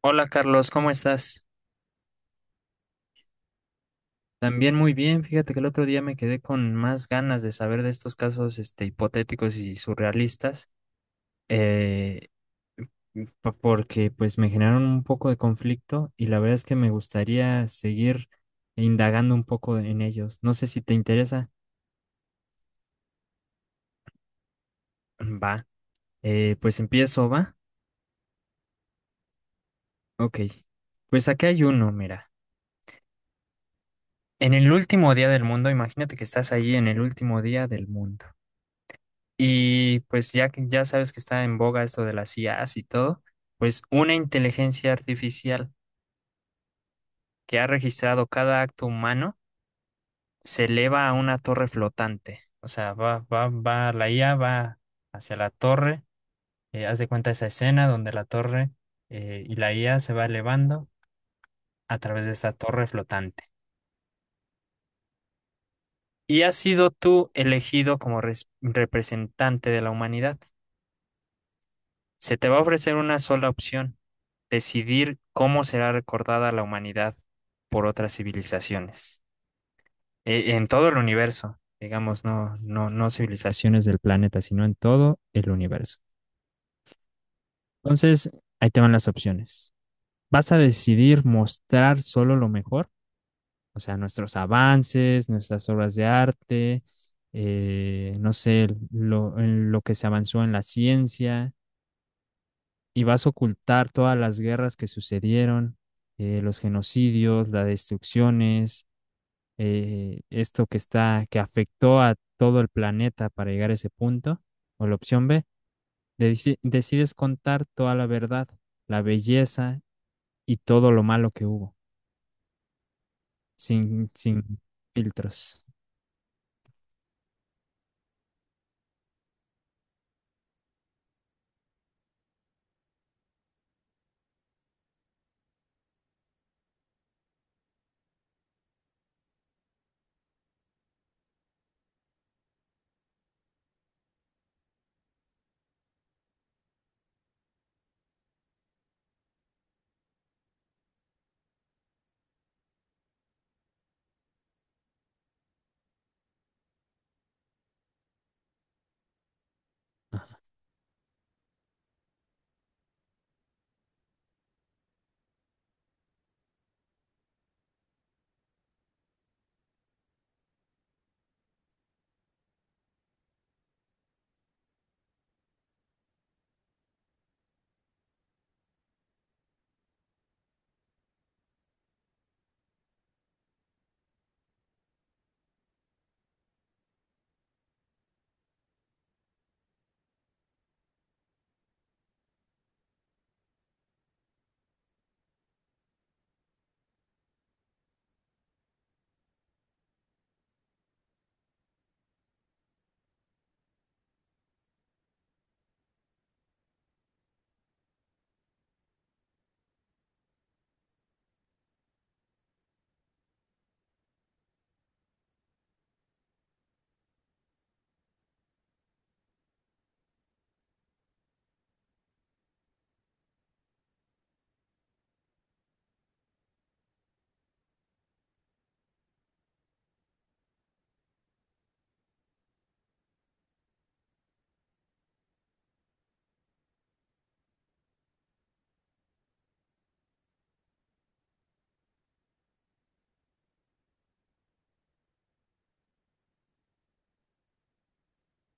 Hola Carlos, ¿cómo estás? También muy bien, fíjate que el otro día me quedé con más ganas de saber de estos casos este, hipotéticos y surrealistas, eh, porque pues me generaron un poco de conflicto y la verdad es que me gustaría seguir indagando un poco en ellos. No sé si te interesa. Va, pues empiezo, ¿va? Ok, pues aquí hay uno, mira. En el último día del mundo, imagínate que estás ahí en el último día del mundo. Y pues ya que ya sabes que está en boga esto de las IAs y todo, pues una inteligencia artificial que ha registrado cada acto humano se eleva a una torre flotante. O sea, va, la IA va hacia la torre. Haz de cuenta esa escena donde la torre y la IA se va elevando a través de esta torre flotante. Y has sido tú elegido como representante de la humanidad. Se te va a ofrecer una sola opción: decidir cómo será recordada la humanidad por otras civilizaciones, en todo el universo, digamos, no civilizaciones del planeta, sino en todo el universo. Entonces, ahí te van las opciones. ¿Vas a decidir mostrar solo lo mejor? O sea, nuestros avances, nuestras obras de arte, no sé, en lo que se avanzó en la ciencia y vas a ocultar todas las guerras que sucedieron, los genocidios, las destrucciones, esto que está, que afectó a todo el planeta para llegar a ese punto; o la opción B, decides contar toda la verdad, la belleza y todo lo malo que hubo, sin filtros.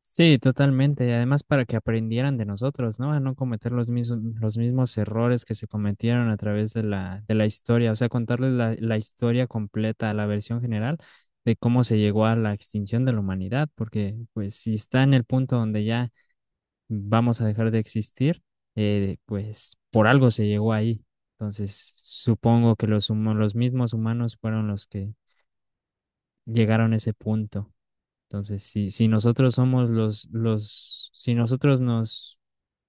Sí, totalmente. Y además para que aprendieran de nosotros, ¿no? A no cometer los mismos errores que se cometieron a través de de la historia. O sea, contarles la historia completa, la versión general de cómo se llegó a la extinción de la humanidad. Porque, pues, si está en el punto donde ya vamos a dejar de existir, pues por algo se llegó ahí. Entonces, supongo que los mismos humanos fueron los que llegaron a ese punto. Entonces, si nosotros somos si nosotros nos,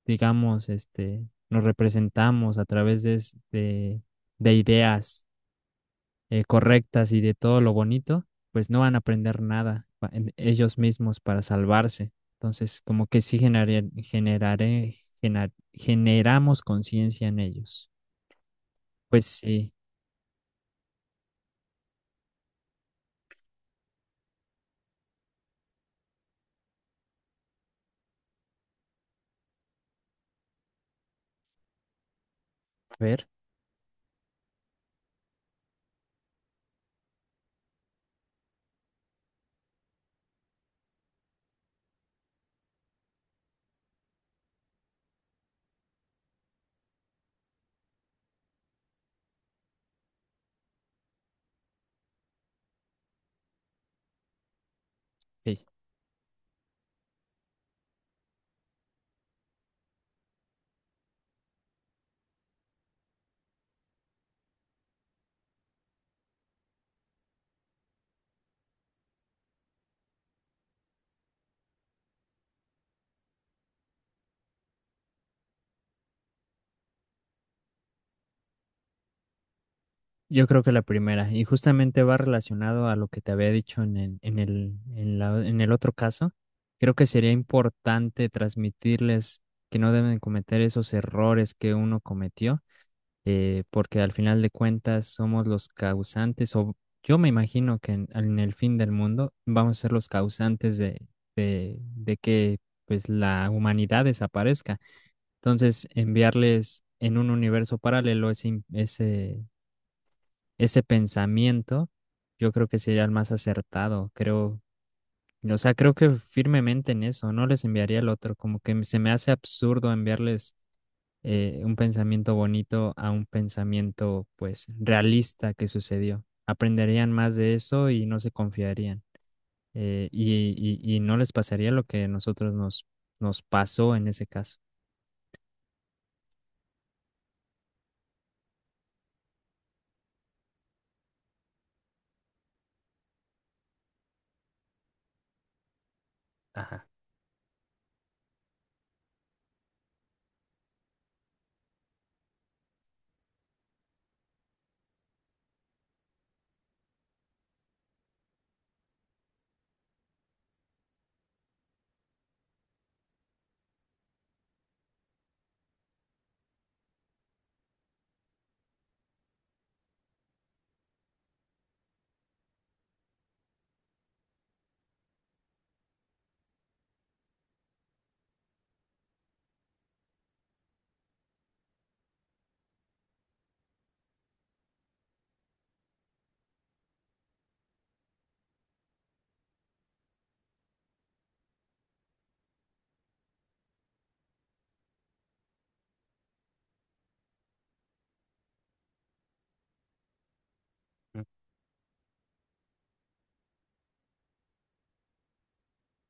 digamos, este, nos representamos a través de ideas correctas y de todo lo bonito, pues no van a aprender nada en ellos mismos para salvarse. Entonces, como que sí generamos conciencia en ellos. Pues sí, a ver. Ok. Yo creo que la primera, y justamente va relacionado a lo que te había dicho en en el otro caso. Creo que sería importante transmitirles que no deben cometer esos errores que uno cometió, porque al final de cuentas somos los causantes, o yo me imagino que en el fin del mundo vamos a ser los causantes de que pues la humanidad desaparezca. Entonces, enviarles en un universo paralelo ese pensamiento, yo creo que sería el más acertado, creo, o sea, creo que firmemente en eso, no les enviaría el otro, como que se me hace absurdo enviarles un pensamiento bonito a un pensamiento, pues, realista que sucedió. Aprenderían más de eso y no se confiarían. eh, y, no les pasaría lo que a nosotros nos pasó en ese caso. Ajá.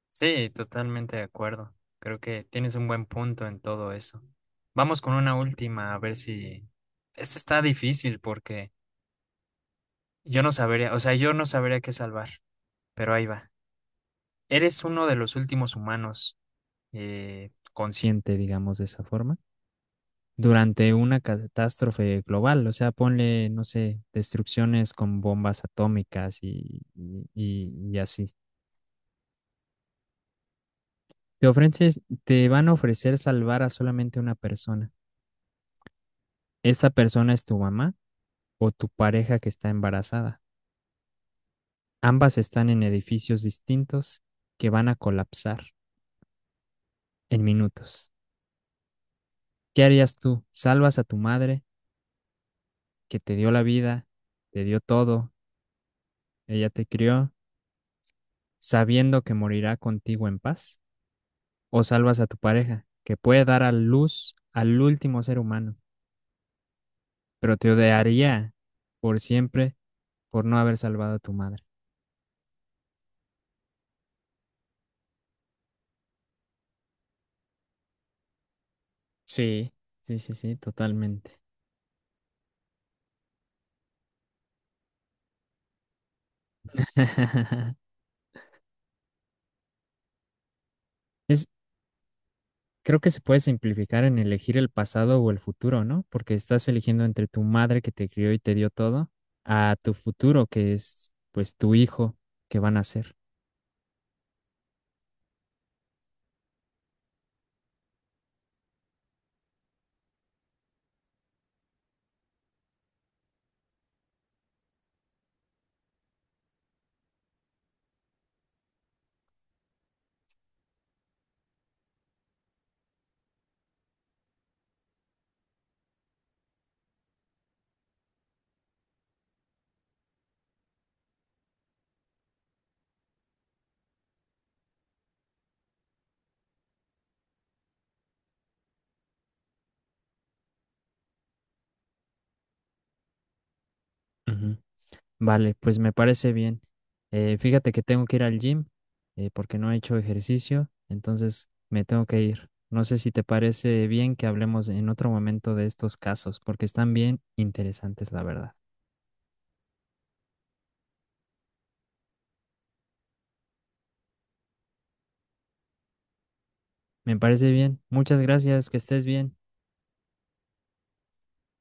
Sí, totalmente de acuerdo. Creo que tienes un buen punto en todo eso. Vamos con una última, a ver si... Esta está difícil porque yo no sabría, o sea, yo no sabría qué salvar, pero ahí va. Eres uno de los últimos humanos consciente, digamos, de esa forma, durante una catástrofe global. O sea, ponle, no sé, destrucciones con bombas atómicas y así. Te ofreces, te van a ofrecer salvar a solamente una persona. Esta persona es tu mamá o tu pareja que está embarazada. Ambas están en edificios distintos que van a colapsar en minutos. ¿Qué harías tú? ¿Salvas a tu madre que te dio la vida, te dio todo, ella te crió, sabiendo que morirá contigo en paz? ¿O salvas a tu pareja que puede dar a luz al último ser humano, pero te odiaría por siempre por no haber salvado a tu madre? Sí, sí, totalmente. Es, creo que se puede simplificar en elegir el pasado o el futuro, ¿no? Porque estás eligiendo entre tu madre que te crió y te dio todo, a tu futuro, que es pues tu hijo que van a ser. Ujú. Vale, pues me parece bien. Fíjate que tengo que ir al gym, porque no he hecho ejercicio, entonces me tengo que ir. No sé si te parece bien que hablemos en otro momento de estos casos, porque están bien interesantes, la verdad. Me parece bien. Muchas gracias, que estés bien.